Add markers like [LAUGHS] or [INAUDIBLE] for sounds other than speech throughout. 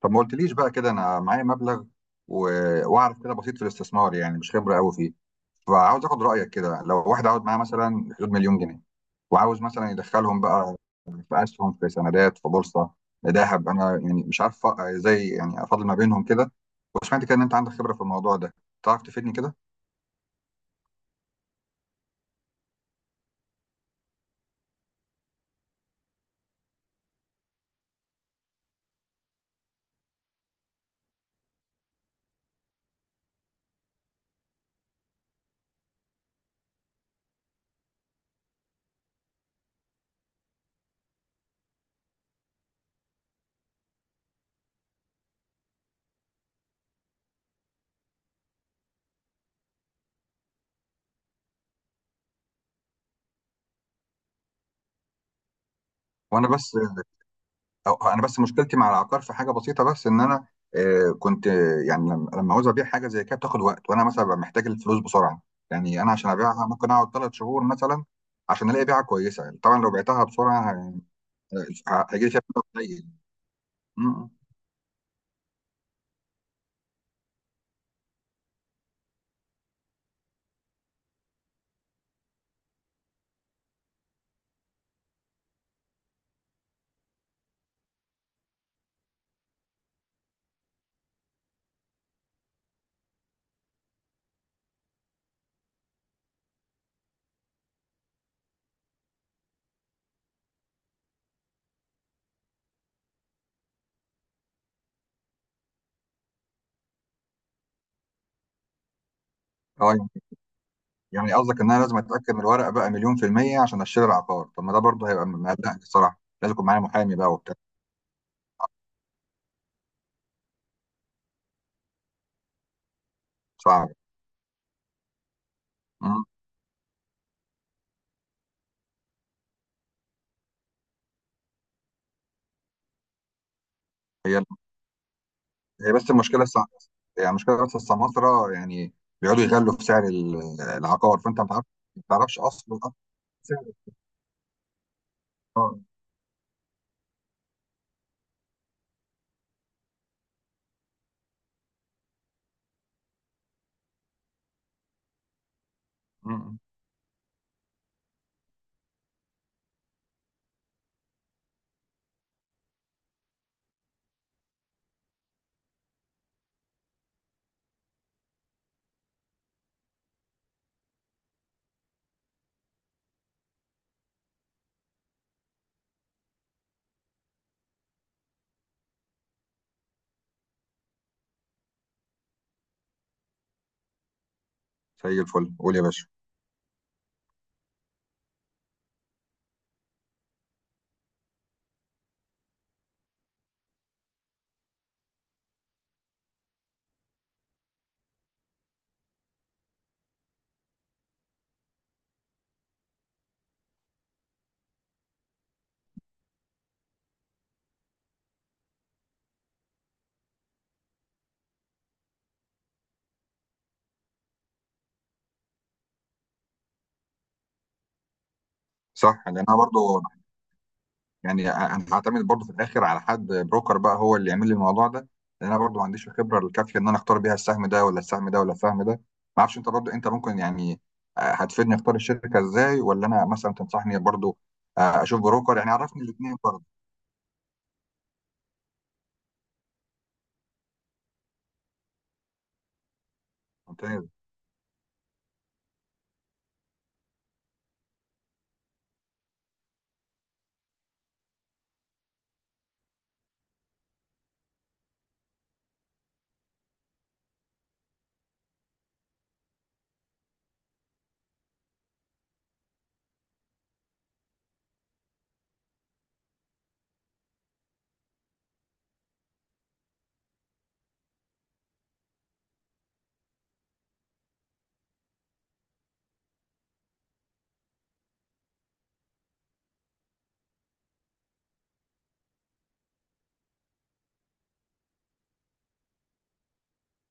طب ما قلتليش بقى كده، انا معايا مبلغ و... واعرف كده بسيط في الاستثمار، يعني مش خبره قوي فيه. فعاوز اخد رايك كده، لو واحد عاوز معاه مثلا حدود مليون جنيه وعاوز مثلا يدخلهم بقى في اسهم، في سندات، في بورصه، ذهب، انا يعني مش عارف ازاي يعني افاضل ما بينهم كده. وسمعت كده ان انت عندك خبره في الموضوع ده، تعرف تفيدني كده. وانا بس أو انا بس مشكلتي مع العقار في حاجه بسيطه، بس ان انا كنت يعني لما عاوز ابيع حاجه زي كده بتاخد وقت، وانا مثلا ببقى محتاج الفلوس بسرعه. يعني انا عشان ابيعها ممكن اقعد ثلاث شهور مثلا عشان الاقي بيعه كويسه، يعني طبعا لو بعتها بسرعه هيجي لي فيها فلوس قليل. م- اه يعني، يعني قصدك ان انا لازم اتاكد من الورقه بقى مليون في الميه عشان اشتري العقار؟ طب ما ده برضه هيبقى مقلقني الصراحه، لازم يكون معايا محامي بقى وبتاع. صعب. م- هي هي بس يعني المشكله بس السماسره، يعني بيقعدوا يغلوا في سعر العقار، فانت ما تعرفش الأصل سعر، اه. م- زي الفل، قول يا باشا. صح، لان انا برضو يعني انا هعتمد برضو في الاخر على حد بروكر بقى هو اللي يعمل لي الموضوع ده، لان انا برضو ما عنديش الخبره الكافيه ان انا اختار بيها السهم ده ولا السهم ده ولا السهم ده، ما اعرفش. انت برضو انت ممكن يعني هتفيدني اختار الشركه ازاي؟ ولا انا مثلا تنصحني برضو اشوف بروكر؟ يعني عرفني الاثنين برضو. ممتاز.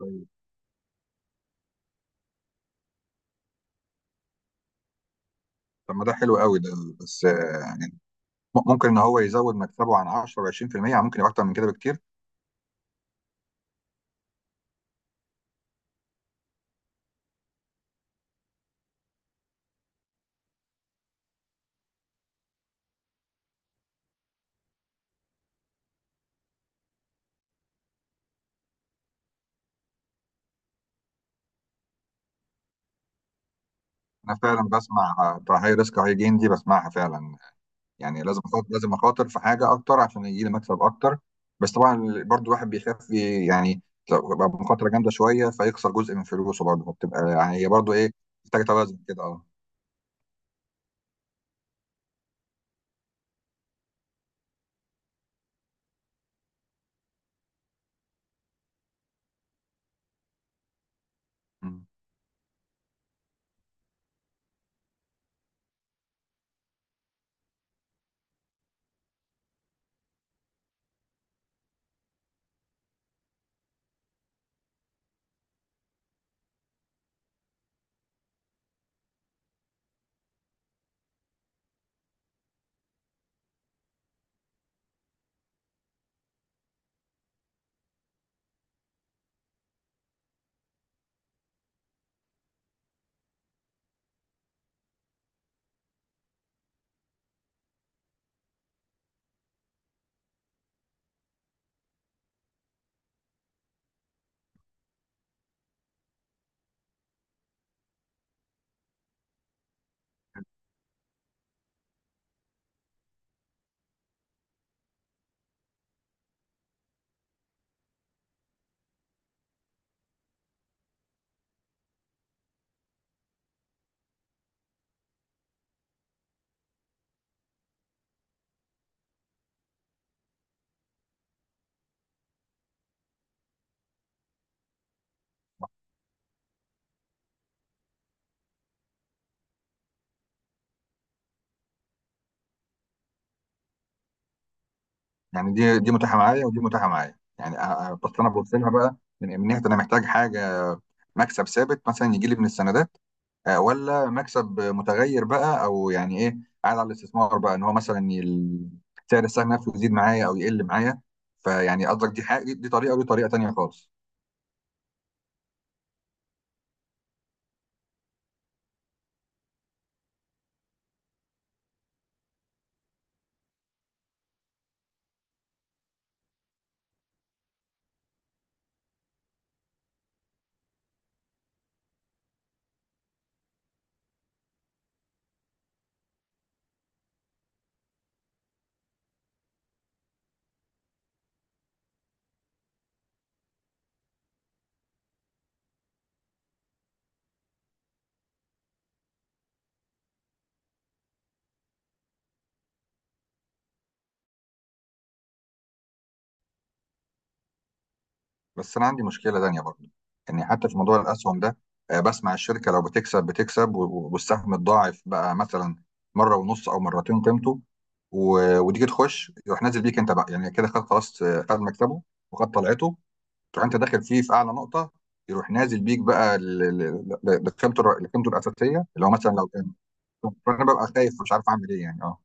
طيب. طب ما ده حلو قوي ده، بس ممكن ان هو يزود مكسبه عن 10 و 20%، ممكن يبقى اكتر من كده بكتير. انا فعلا بسمع بتاع هاي ريسك هاي جين دي، بسمعها فعلا. يعني لازم أخاطر، لازم اخاطر في حاجه اكتر عشان يجي لي مكسب اكتر، بس طبعا برضو الواحد بيخاف يعني لو يبقى مخاطره جامده شويه فيخسر جزء من فلوسه برضه، فبتبقى يعني هي برضه ايه، محتاجه توازن كده، اه. مم. يعني دي متاحه معايا ودي متاحه معايا، يعني بس انا ببص لها بقى من ناحيه انا محتاج حاجه، مكسب ثابت مثلا يجي لي من السنه، ولا مكسب متغير بقى، او يعني ايه، قاعد على الاستثمار بقى ان هو مثلا سعر السهم نفسه يزيد معايا او يقل معايا. فيعني قصدك دي حاجه، دي طريقه ودي طريقه تانيه خالص. بس انا عندي مشكله تانيه برضه، يعني حتى في موضوع الاسهم ده بسمع الشركه لو بتكسب بتكسب، والسهم اتضاعف بقى مثلا مره ونص او مرتين قيمته، وتيجي تخش يروح نازل بيك انت بقى، يعني كده خد خلاص، خد مكسبه وخد طلعته، تروح انت داخل فيه في اعلى نقطه، يروح نازل بيك بقى لقيمته لقيمته الاساسيه اللي هو مثلا لو كان. [LAUGHS] فانا ببقى خايف مش عارف اعمل ايه، يعني اه.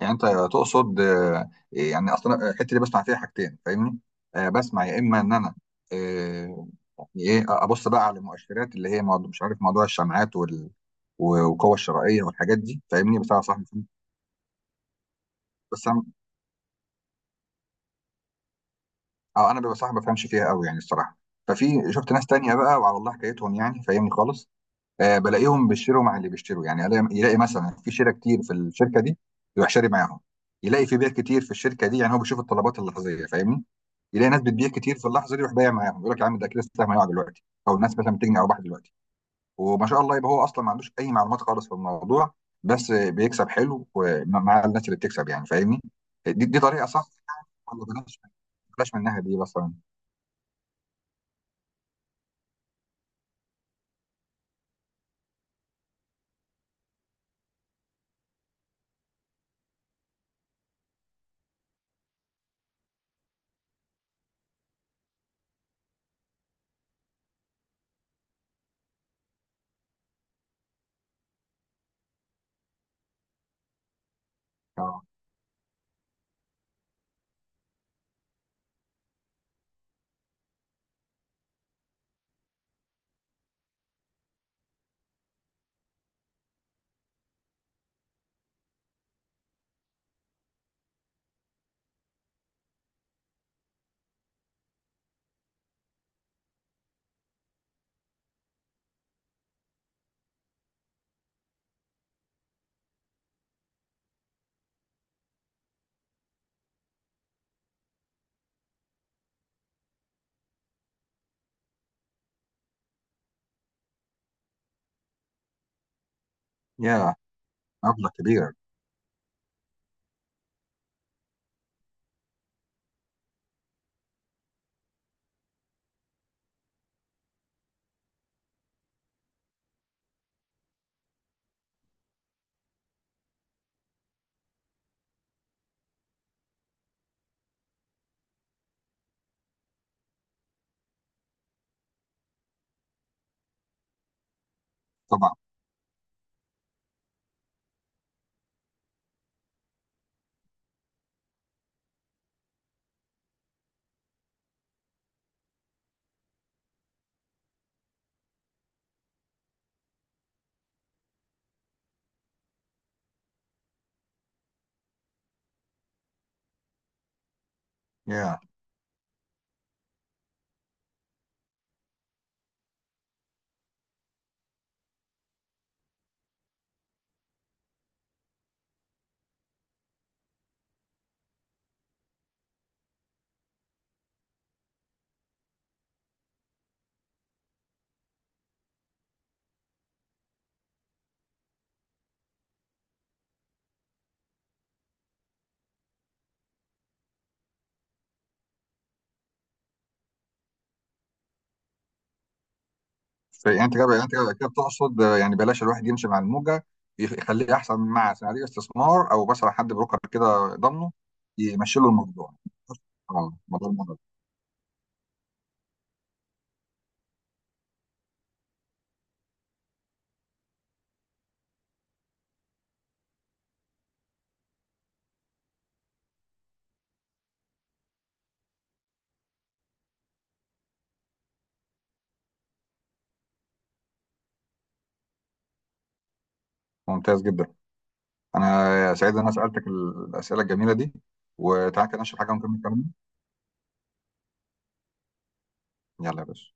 يعني انت تقصد يعني اصلا الحته اللي بسمع فيها حاجتين، فاهمني، بسمع يا اما ان انا آه، يعني ايه، ابص بقى على المؤشرات اللي هي موضوع مش عارف، موضوع الشمعات والقوه الشرائيه والحاجات دي، فاهمني؟ بس انا اه انا ببقى صح ما بفهمش فيها قوي يعني الصراحه. ففي شفت ناس تانية بقى وعلى الله حكايتهم، يعني فاهمني خالص، بلاقيهم بيشتروا مع اللي بيشتروا، يعني يلاقي مثلا في شراء كتير في الشركه دي، يروح شاري معاهم، يلاقي في بيع كتير في الشركه دي، يعني هو بيشوف الطلبات اللحظيه، فاهمني، يلاقي ناس بتبيع كتير في اللحظه دي، يروح بايع معاهم، يقول لك يا عم ده كده السهم هيقع دلوقتي، او الناس مثلا بتجني ارباح دلوقتي، وما شاء الله يبقى هو اصلا ما عندوش اي معلومات خالص في الموضوع، بس بيكسب حلو مع الناس اللي بتكسب، يعني فاهمني. دي, دي طريقه صح ولا بلاش؟ بلاش من الناحيه دي مثلا. آه. يا، مبلغ كبير. طبعا. يا، يعني انت كده، انت كده كده بتقصد يعني بلاش الواحد يمشي مع الموجه، يخليه احسن من مع صناديق استثمار او بس على حد بروكر كده ضامنه يمشي له الموضوع. اه، الموضوع. ممتاز جدا، انا سعيد ان انا سالتك الاسئله الجميله دي، وتعالى كده نشرب حاجه ونكمل كلامنا. يلا يا باشا.